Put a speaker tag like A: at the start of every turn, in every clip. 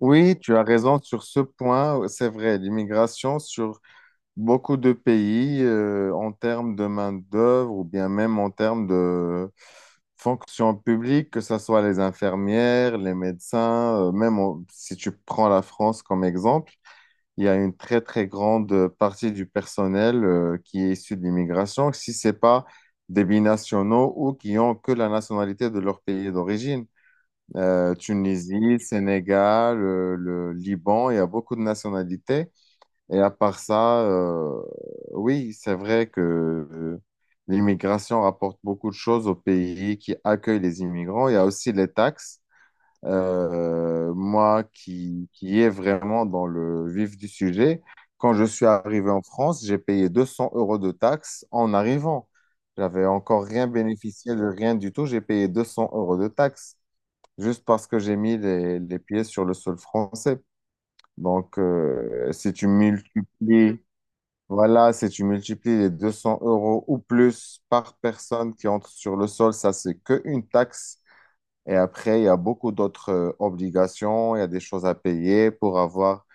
A: Oui, tu as raison sur ce point. C'est vrai, l'immigration sur beaucoup de pays, en termes de main-d'œuvre ou bien même en termes de fonction publique, que ce soit les infirmières, les médecins, si tu prends la France comme exemple, il y a une très, très grande partie du personnel, qui est issu de l'immigration, si ce n'est pas des binationaux ou qui ont que la nationalité de leur pays d'origine Tunisie, Sénégal, Liban, il y a beaucoup de nationalités. Et à part ça, oui, c'est vrai que euh, l'immigration rapporte beaucoup de choses aux pays qui accueillent les immigrants. Il y a aussi les taxes. Moi qui est vraiment dans le vif du sujet, quand je suis arrivé en France, j'ai payé 200 euros de taxes en arrivant. J'avais encore rien bénéficié de rien du tout, j'ai payé 200 euros de taxes juste parce que j'ai mis les pieds sur le sol français. Donc, si tu multiplies, voilà, si tu multiplies les 200 euros ou plus par personne qui entre sur le sol, ça, c'est que une taxe. Et après, il y a beaucoup d'autres obligations, il y a des choses à payer pour avoir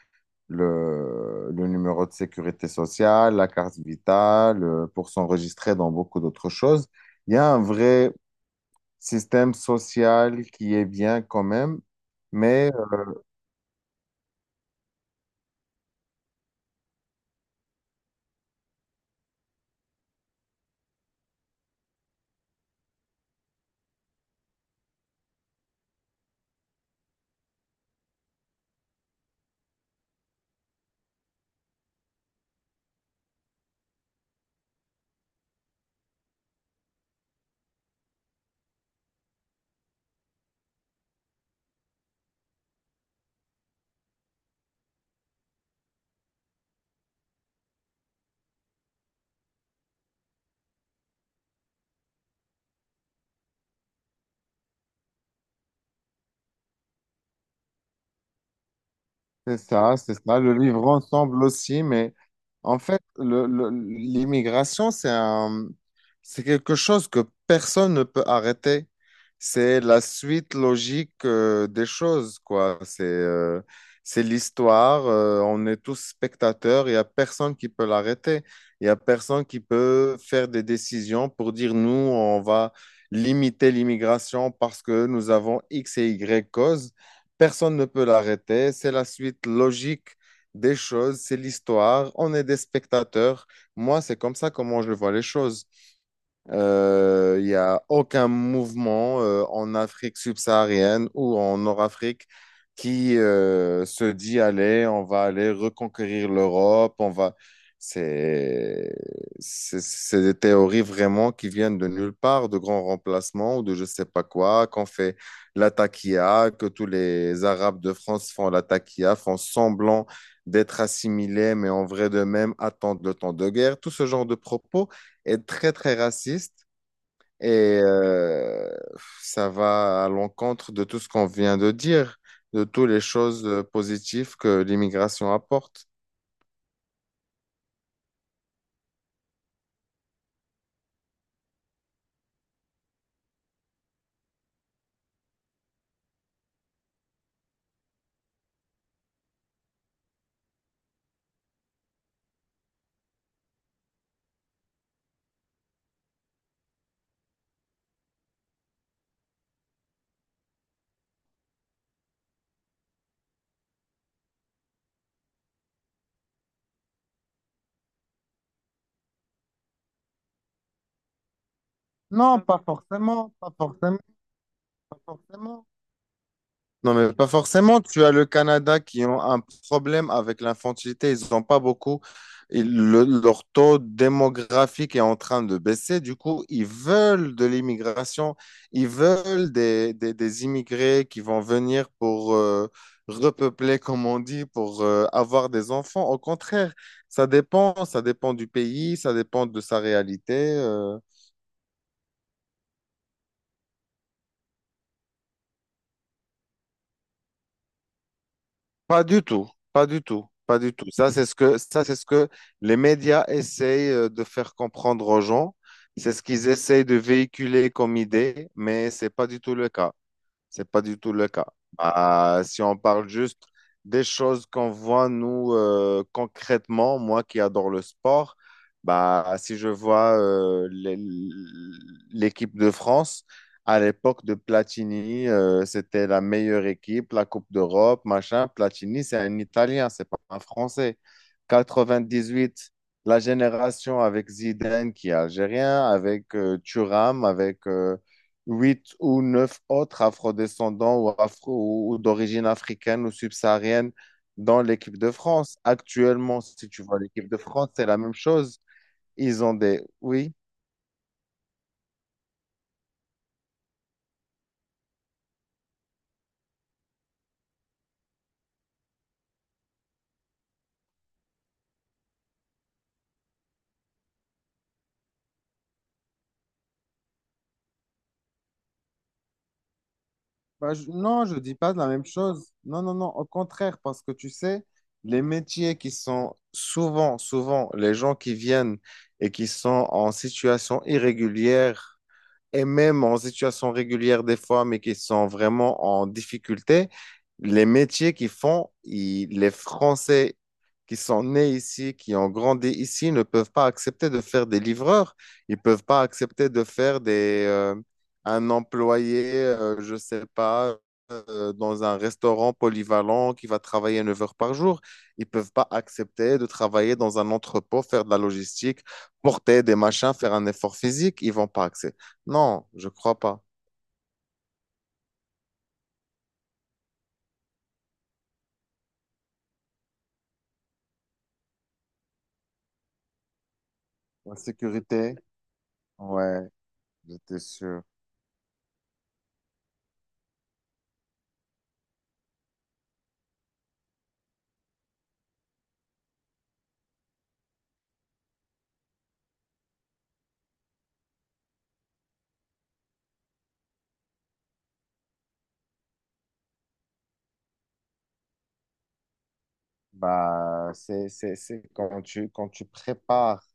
A: le numéro de sécurité sociale, la carte vitale, pour s'enregistrer dans beaucoup d'autres choses. Il y a un vrai système social qui est bien quand même. Mais c'est ça, c'est ça. Le vivre ensemble aussi, mais en fait, l'immigration, c'est quelque chose que personne ne peut arrêter. C'est la suite logique des choses, quoi. C'est l'histoire. On est tous spectateurs. Il n'y a personne qui peut l'arrêter. Il n'y a personne qui peut faire des décisions pour dire, nous, on va limiter l'immigration parce que nous avons X et Y causes. Personne ne peut l'arrêter. C'est la suite logique des choses. C'est l'histoire. On est des spectateurs. Moi, c'est comme ça comment je vois les choses. Il n'y a aucun mouvement en Afrique subsaharienne ou en Nord-Afrique qui se dit, allez, on va aller reconquérir l'Europe, on va... C'est c'est des théories vraiment qui viennent de nulle part, de grands remplacements ou de je sais pas quoi, qu'on fait la taquilla, que tous les Arabes de France font la taquilla, font semblant d'être assimilés, mais en vrai de même attendent le temps de guerre. Tout ce genre de propos est très, très raciste et euh, ça va à l'encontre de tout ce qu'on vient de dire, de toutes les choses positives que l'immigration apporte. Non, pas forcément, pas forcément, pas forcément. Non, mais pas forcément. Tu as le Canada qui ont un problème avec l'infantilité. Ils n'ont pas beaucoup. Leur taux démographique est en train de baisser. Du coup, ils veulent de l'immigration. Ils veulent des immigrés qui vont venir pour repeupler, comme on dit, pour avoir des enfants. Au contraire, ça dépend. Ça dépend du pays, ça dépend de sa réalité. Pas du tout, pas du tout, pas du tout. Ça, c'est ce que les médias essayent de faire comprendre aux gens. C'est ce qu'ils essayent de véhiculer comme idée, mais c'est pas du tout le cas. C'est pas du tout le cas. Ah, si on parle juste des choses qu'on voit, nous, concrètement, moi qui adore le sport, bah, si je vois l'équipe de France, à l'époque de Platini, c'était la meilleure équipe, la Coupe d'Europe, machin. Platini, c'est un Italien, c'est pas un Français. Quatre-vingt-dix-huit, la génération avec Zidane qui est algérien, avec Thuram, avec huit ou neuf autres afrodescendants ou, afro, ou d'origine africaine ou subsaharienne dans l'équipe de France. Actuellement, si tu vois l'équipe de France, c'est la même chose. Ils ont des... Oui. Bah, non, je ne dis pas la même chose. Non, non, non, au contraire, parce que tu sais, les métiers qui sont souvent, souvent, les gens qui viennent et qui sont en situation irrégulière et même en situation régulière des fois, mais qui sont vraiment en difficulté, les métiers qu'ils font, les Français qui sont nés ici, qui ont grandi ici, ne peuvent pas accepter de faire des livreurs. Ils peuvent pas accepter de faire un employé, je sais pas, dans un restaurant polyvalent qui va travailler 9 heures par jour. Ils peuvent pas accepter de travailler dans un entrepôt, faire de la logistique, porter des machins, faire un effort physique. Ils vont pas accepter. Non, je crois pas. La sécurité, ouais, j'étais sûr. Bah, c'est quand tu prépares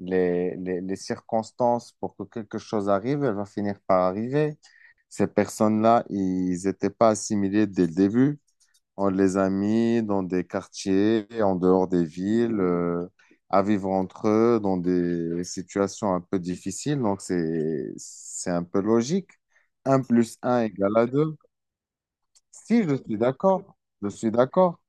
A: les circonstances pour que quelque chose arrive, elle va finir par arriver. Ces personnes-là, ils n'étaient pas assimilés dès le début. On les a mis dans des quartiers, en dehors des villes, à vivre entre eux, dans des situations un peu difficiles. Donc, c'est un peu logique. Un plus un égale à 2. Si, je suis d'accord, je suis d'accord.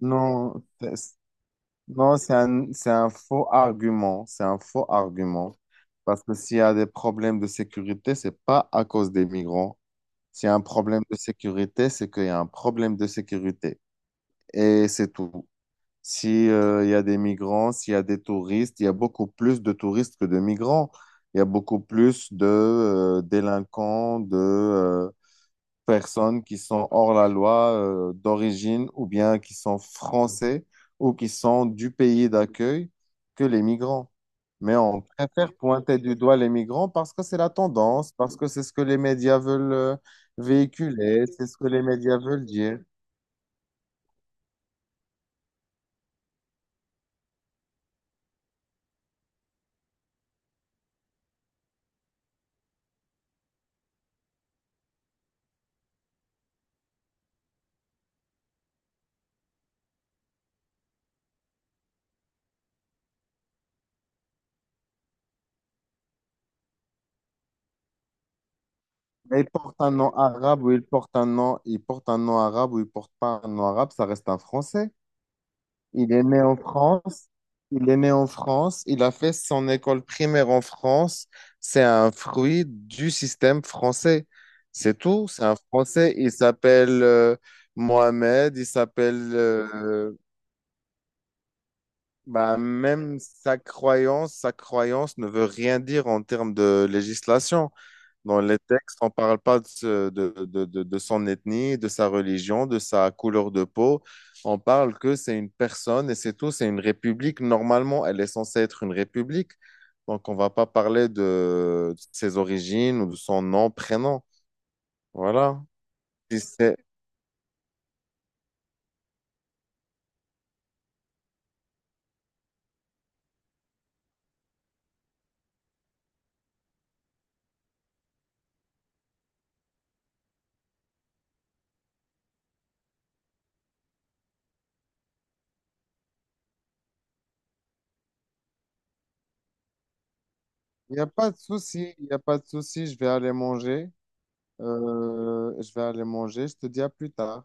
A: Non, non, c'est un faux argument, c'est un faux argument. Parce que s'il y a des problèmes de sécurité, c'est pas à cause des migrants. S'il y a un problème de sécurité, c'est qu'il y a un problème de sécurité. Et c'est tout. Si, il y a des migrants, s'il y a des touristes, il y a beaucoup plus de touristes que de migrants. Il y a beaucoup plus de délinquants, de personnes qui sont hors la loi d'origine ou bien qui sont français ou qui sont du pays d'accueil que les migrants. Mais on préfère pointer du doigt les migrants parce que c'est la tendance, parce que c'est ce que les médias veulent véhiculer, c'est ce que les médias veulent dire. Mais il porte un nom arabe ou il porte un nom, il porte un nom arabe ou il porte pas un nom arabe, ça reste un Français. Il est né en France. Il est né en France. Il a fait son école primaire en France. C'est un fruit du système français. C'est tout. C'est un Français. Il s'appelle Mohamed. Il s'appelle. Bah, même sa croyance ne veut rien dire en termes de législation. Dans les textes, on ne parle pas de son ethnie, de sa religion, de sa couleur de peau. On parle que c'est une personne et c'est tout. C'est une république. Normalement, elle est censée être une république. Donc, on ne va pas parler de ses origines ou de son nom, prénom. Voilà. Et c'est- Il n'y a pas de souci. Il n'y a pas de souci. Je vais aller manger. Je vais aller manger. Je te dis à plus tard.